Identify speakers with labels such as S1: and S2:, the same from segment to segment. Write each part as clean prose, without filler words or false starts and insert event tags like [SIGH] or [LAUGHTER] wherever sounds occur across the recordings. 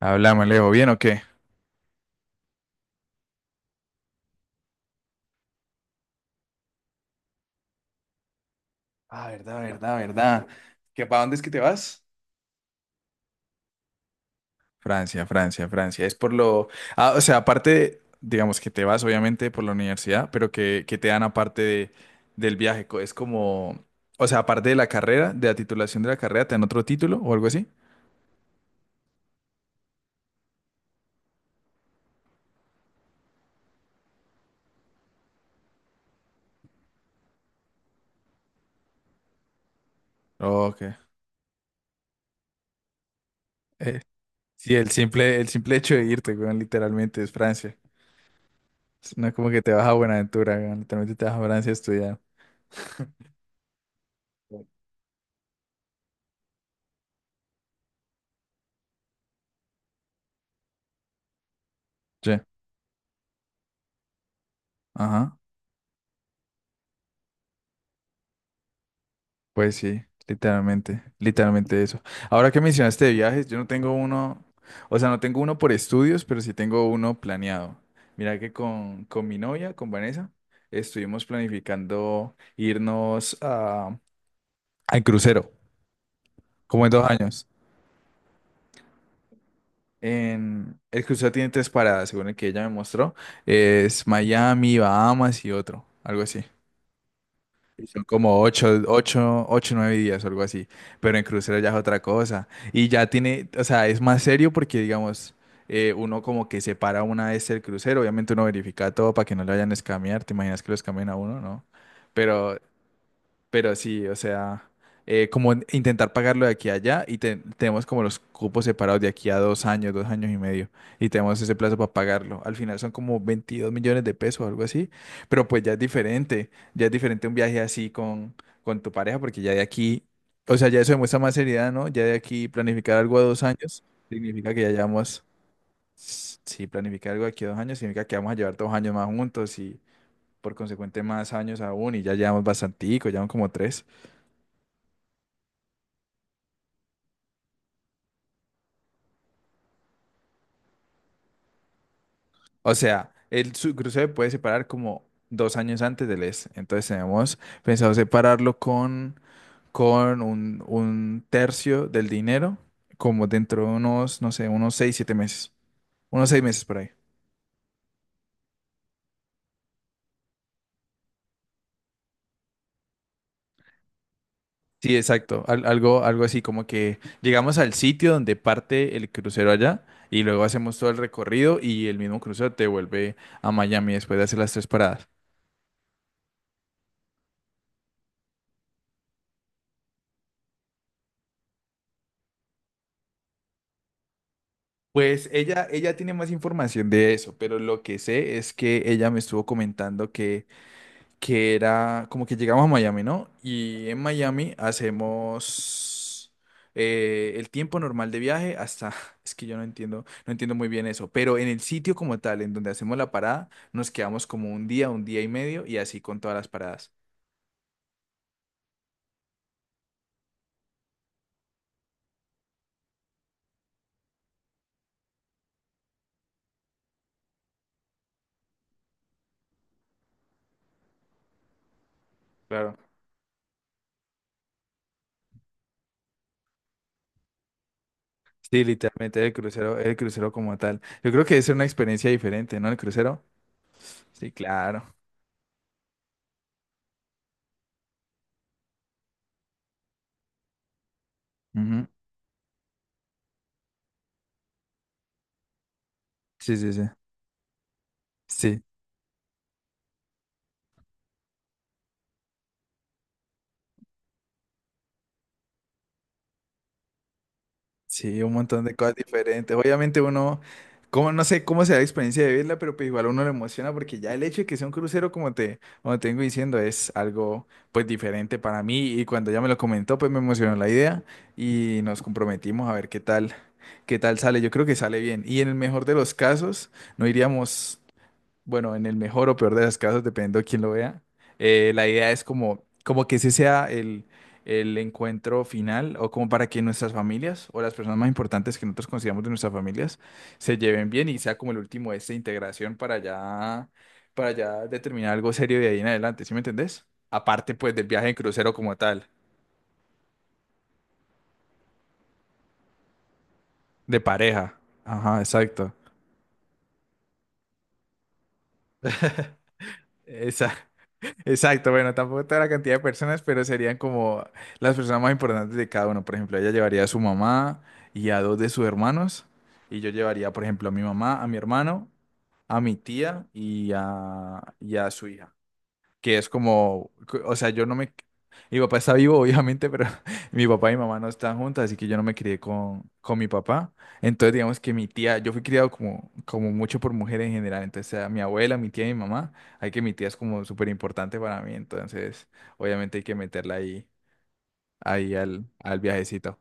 S1: Hablamos, Leo, ¿bien o qué? Ah, verdad, verdad, verdad. ¿Que para dónde es que te vas? Francia, Francia, Francia. Es por lo. Ah, o sea, aparte, digamos que te vas obviamente por la universidad, pero que te dan aparte del viaje. Es como. O sea, aparte de la carrera, de la titulación de la carrera, ¿te dan otro título o algo así? Ok. Eh, sí, el simple hecho de irte, weón, literalmente es Francia. No es como que te vas a Buenaventura, weón, literalmente te vas a Francia a estudiar. [LAUGHS] Sí. Ajá. Pues sí, literalmente, literalmente eso. Ahora que mencionaste de viajes, yo no tengo uno, o sea, no tengo uno por estudios, pero sí tengo uno planeado. Mira que con mi novia, con Vanessa, estuvimos planificando irnos al crucero, como en 2 años. El crucero tiene tres paradas, según el que ella me mostró. Es Miami, Bahamas y otro, algo así. Y son como ocho, nueve días o algo así. Pero en crucero ya es otra cosa. Y ya tiene, o sea, es más serio porque, digamos, uno como que separa una vez el crucero. Obviamente uno verifica todo para que no lo vayan a escamear. ¿Te imaginas que lo escamen a uno? No. Pero pero sí, o sea, como intentar pagarlo de aquí a allá y tenemos como los cupos separados de aquí a dos años y medio y tenemos ese plazo para pagarlo. Al final son como 22 millones de pesos o algo así, pero pues ya es diferente un viaje así con tu pareja porque ya de aquí, o sea, ya eso demuestra más seriedad, ¿no? Ya de aquí planificar algo a dos años significa que ya llevamos, sí, planificar algo de aquí a dos años significa que vamos a llevar dos años más juntos y por consecuente más años aún y ya llevamos bastantico, llevamos como tres. O sea, el crucero se puede separar como dos años antes del ES. Entonces tenemos pensado separarlo con un tercio del dinero, como dentro de unos, no sé, unos seis, siete meses. Unos seis meses por ahí. Sí, exacto. Algo así, como que llegamos al sitio donde parte el crucero allá y luego hacemos todo el recorrido y el mismo crucero te vuelve a Miami después de hacer las tres paradas. Pues ella tiene más información de eso, pero lo que sé es que ella me estuvo comentando que era como que llegamos a Miami, ¿no? Y en Miami hacemos el tiempo normal de viaje hasta, [LAUGHS] es que yo no entiendo, muy bien eso, pero en el sitio como tal, en donde hacemos la parada, nos quedamos como un día y medio y así con todas las paradas. Claro. Sí, literalmente el crucero como tal. Yo creo que es una experiencia diferente, ¿no? El crucero. Sí, claro. Ujú. Sí, sí, sí. Sí, sí, un montón de cosas diferentes. Obviamente uno, como no sé cómo será la experiencia de verla, pero pues igual uno le emociona porque ya el hecho de que sea un crucero, como te vengo diciendo, es algo pues diferente para mí y cuando ella me lo comentó, pues me emocionó la idea y nos comprometimos a ver qué tal, sale. Yo creo que sale bien y en el mejor de los casos no iríamos bueno, en el mejor o peor de los casos, dependiendo de quién lo vea, la idea es como que ese sea el encuentro final o como para que nuestras familias o las personas más importantes que nosotros consideramos de nuestras familias se lleven bien y sea como el último de esta integración para ya, determinar algo serio de ahí en adelante, ¿sí me entendés? Aparte pues del viaje en crucero como tal, de pareja. Ajá, exacto. Esa. Exacto, bueno, tampoco toda la cantidad de personas, pero serían como las personas más importantes de cada uno. Por ejemplo, ella llevaría a su mamá y a dos de sus hermanos, y yo llevaría, por ejemplo, a mi mamá, a mi hermano, a mi tía y y a su hija que es como, o sea, yo no me. Mi papá está vivo, obviamente, pero [LAUGHS] mi papá y mi mamá no están juntas, así que yo no me crié con mi papá. Entonces, digamos que mi tía, yo fui criado como mucho por mujeres en general. Entonces, a mi abuela, mi tía y mi mamá, hay que mi tía es como súper importante para mí. Entonces, obviamente hay que meterla ahí al viajecito.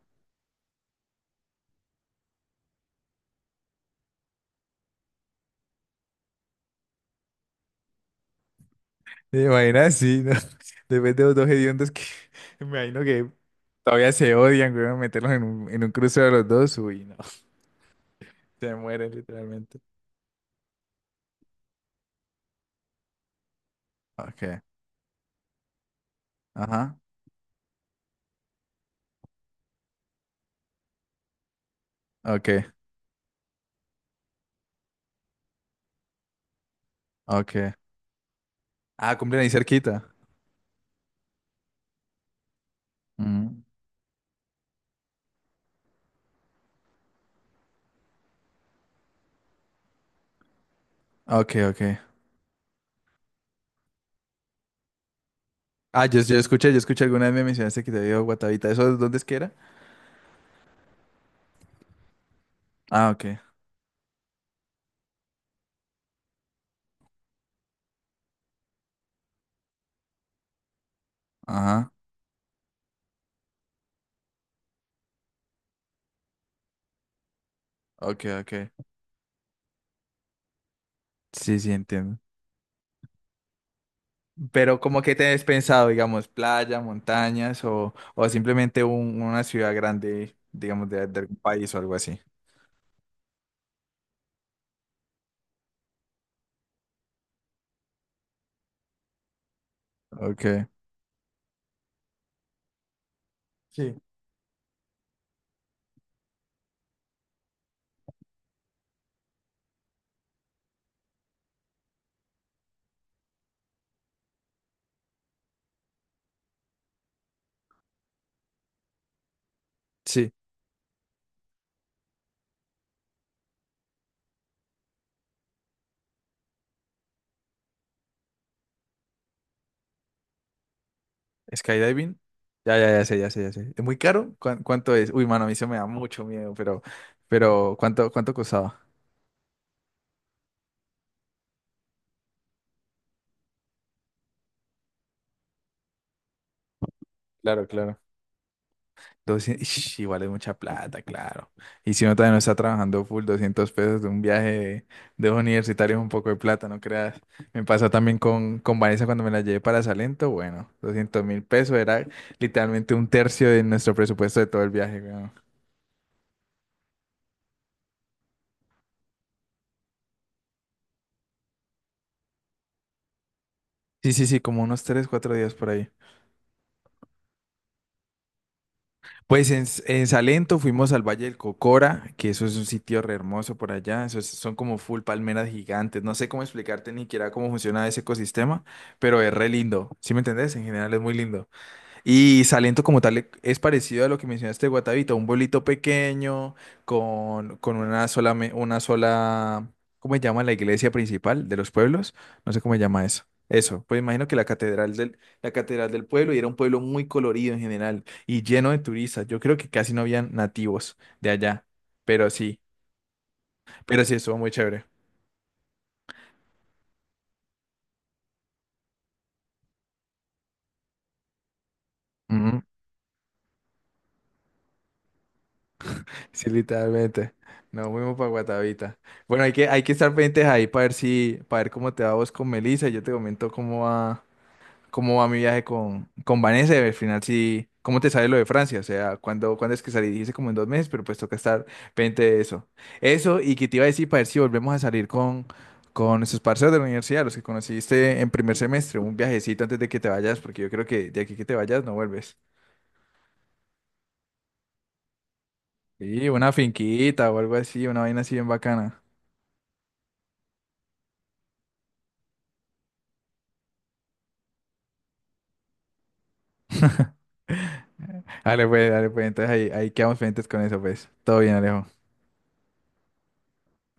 S1: ¿Te imaginas? Sí, ¿no? [LAUGHS] Después de los dos hediondos que [LAUGHS] me imagino que todavía se odian, güey, meterlos en un crucero de los dos, uy, no, [LAUGHS] se mueren literalmente. Ok. Ajá. Ok, ok. Ah, cumplen ahí cerquita. Mm. Ok, ok. Ah, yo escuché alguna vez me mencionaste que te había ido a Guatavita. ¿Eso dónde es que era? Ah, ok. Ajá. Ok, ok. Sí, sí, entiendo. Pero como que tenés pensado, digamos, playa, montañas o simplemente una ciudad grande, digamos, de algún país o algo así. Ok. Sí. Sí. Skydiving. Ya, ya, ya sé, ya sé, ya sé. ¿Es muy caro? ¿Cuánto es? Uy, mano, a mí se me da mucho miedo, pero ¿cuánto costaba? Claro, claro. 200, [LAUGHS] ish, igual es mucha plata, claro. Y si uno todavía no está trabajando full, 200 pesos de un viaje de los universitarios es un poco de plata, no creas. Me pasó también con Vanessa cuando me la llevé para Salento, bueno, 200 mil pesos era literalmente un tercio de nuestro presupuesto de todo el viaje, weón. Sí, sí, sí, como unos 3, 4 días por ahí. Pues en Salento fuimos al Valle del Cocora, que eso es un sitio re hermoso por allá. Son como full palmeras gigantes. No sé cómo explicarte ni siquiera cómo funciona ese ecosistema, pero es re lindo. ¿Sí me entendés? En general es muy lindo. Y Salento como tal es parecido a lo que mencionaste de Guatavita, un pueblito pequeño con una sola, ¿cómo se llama la iglesia principal de los pueblos? No sé cómo se llama eso. Eso, pues imagino que la catedral del pueblo y era un pueblo muy colorido en general y lleno de turistas. Yo creo que casi no habían nativos de allá, pero sí, pero sí estuvo muy chévere. Sí, literalmente. Nos fuimos para Guatavita. Bueno, hay que estar pendientes ahí para ver si, para ver cómo te va vos con Melissa. Y yo te comento cómo va mi viaje con Vanessa. Y al final sí, cómo te sale lo de Francia. O sea, cuándo es que salí. Dice como en 2 meses, pero pues toca estar pendiente de eso. Eso, y que te iba a decir para ver si volvemos a salir con esos parceros de la universidad, los que conociste en primer semestre, un viajecito antes de que te vayas, porque yo creo que de aquí que te vayas no vuelves. Sí, una finquita o algo así, una vaina así bien bacana. Dale, pues, dale, pues. Entonces ahí quedamos pendientes con eso, pues. Todo bien, Alejo.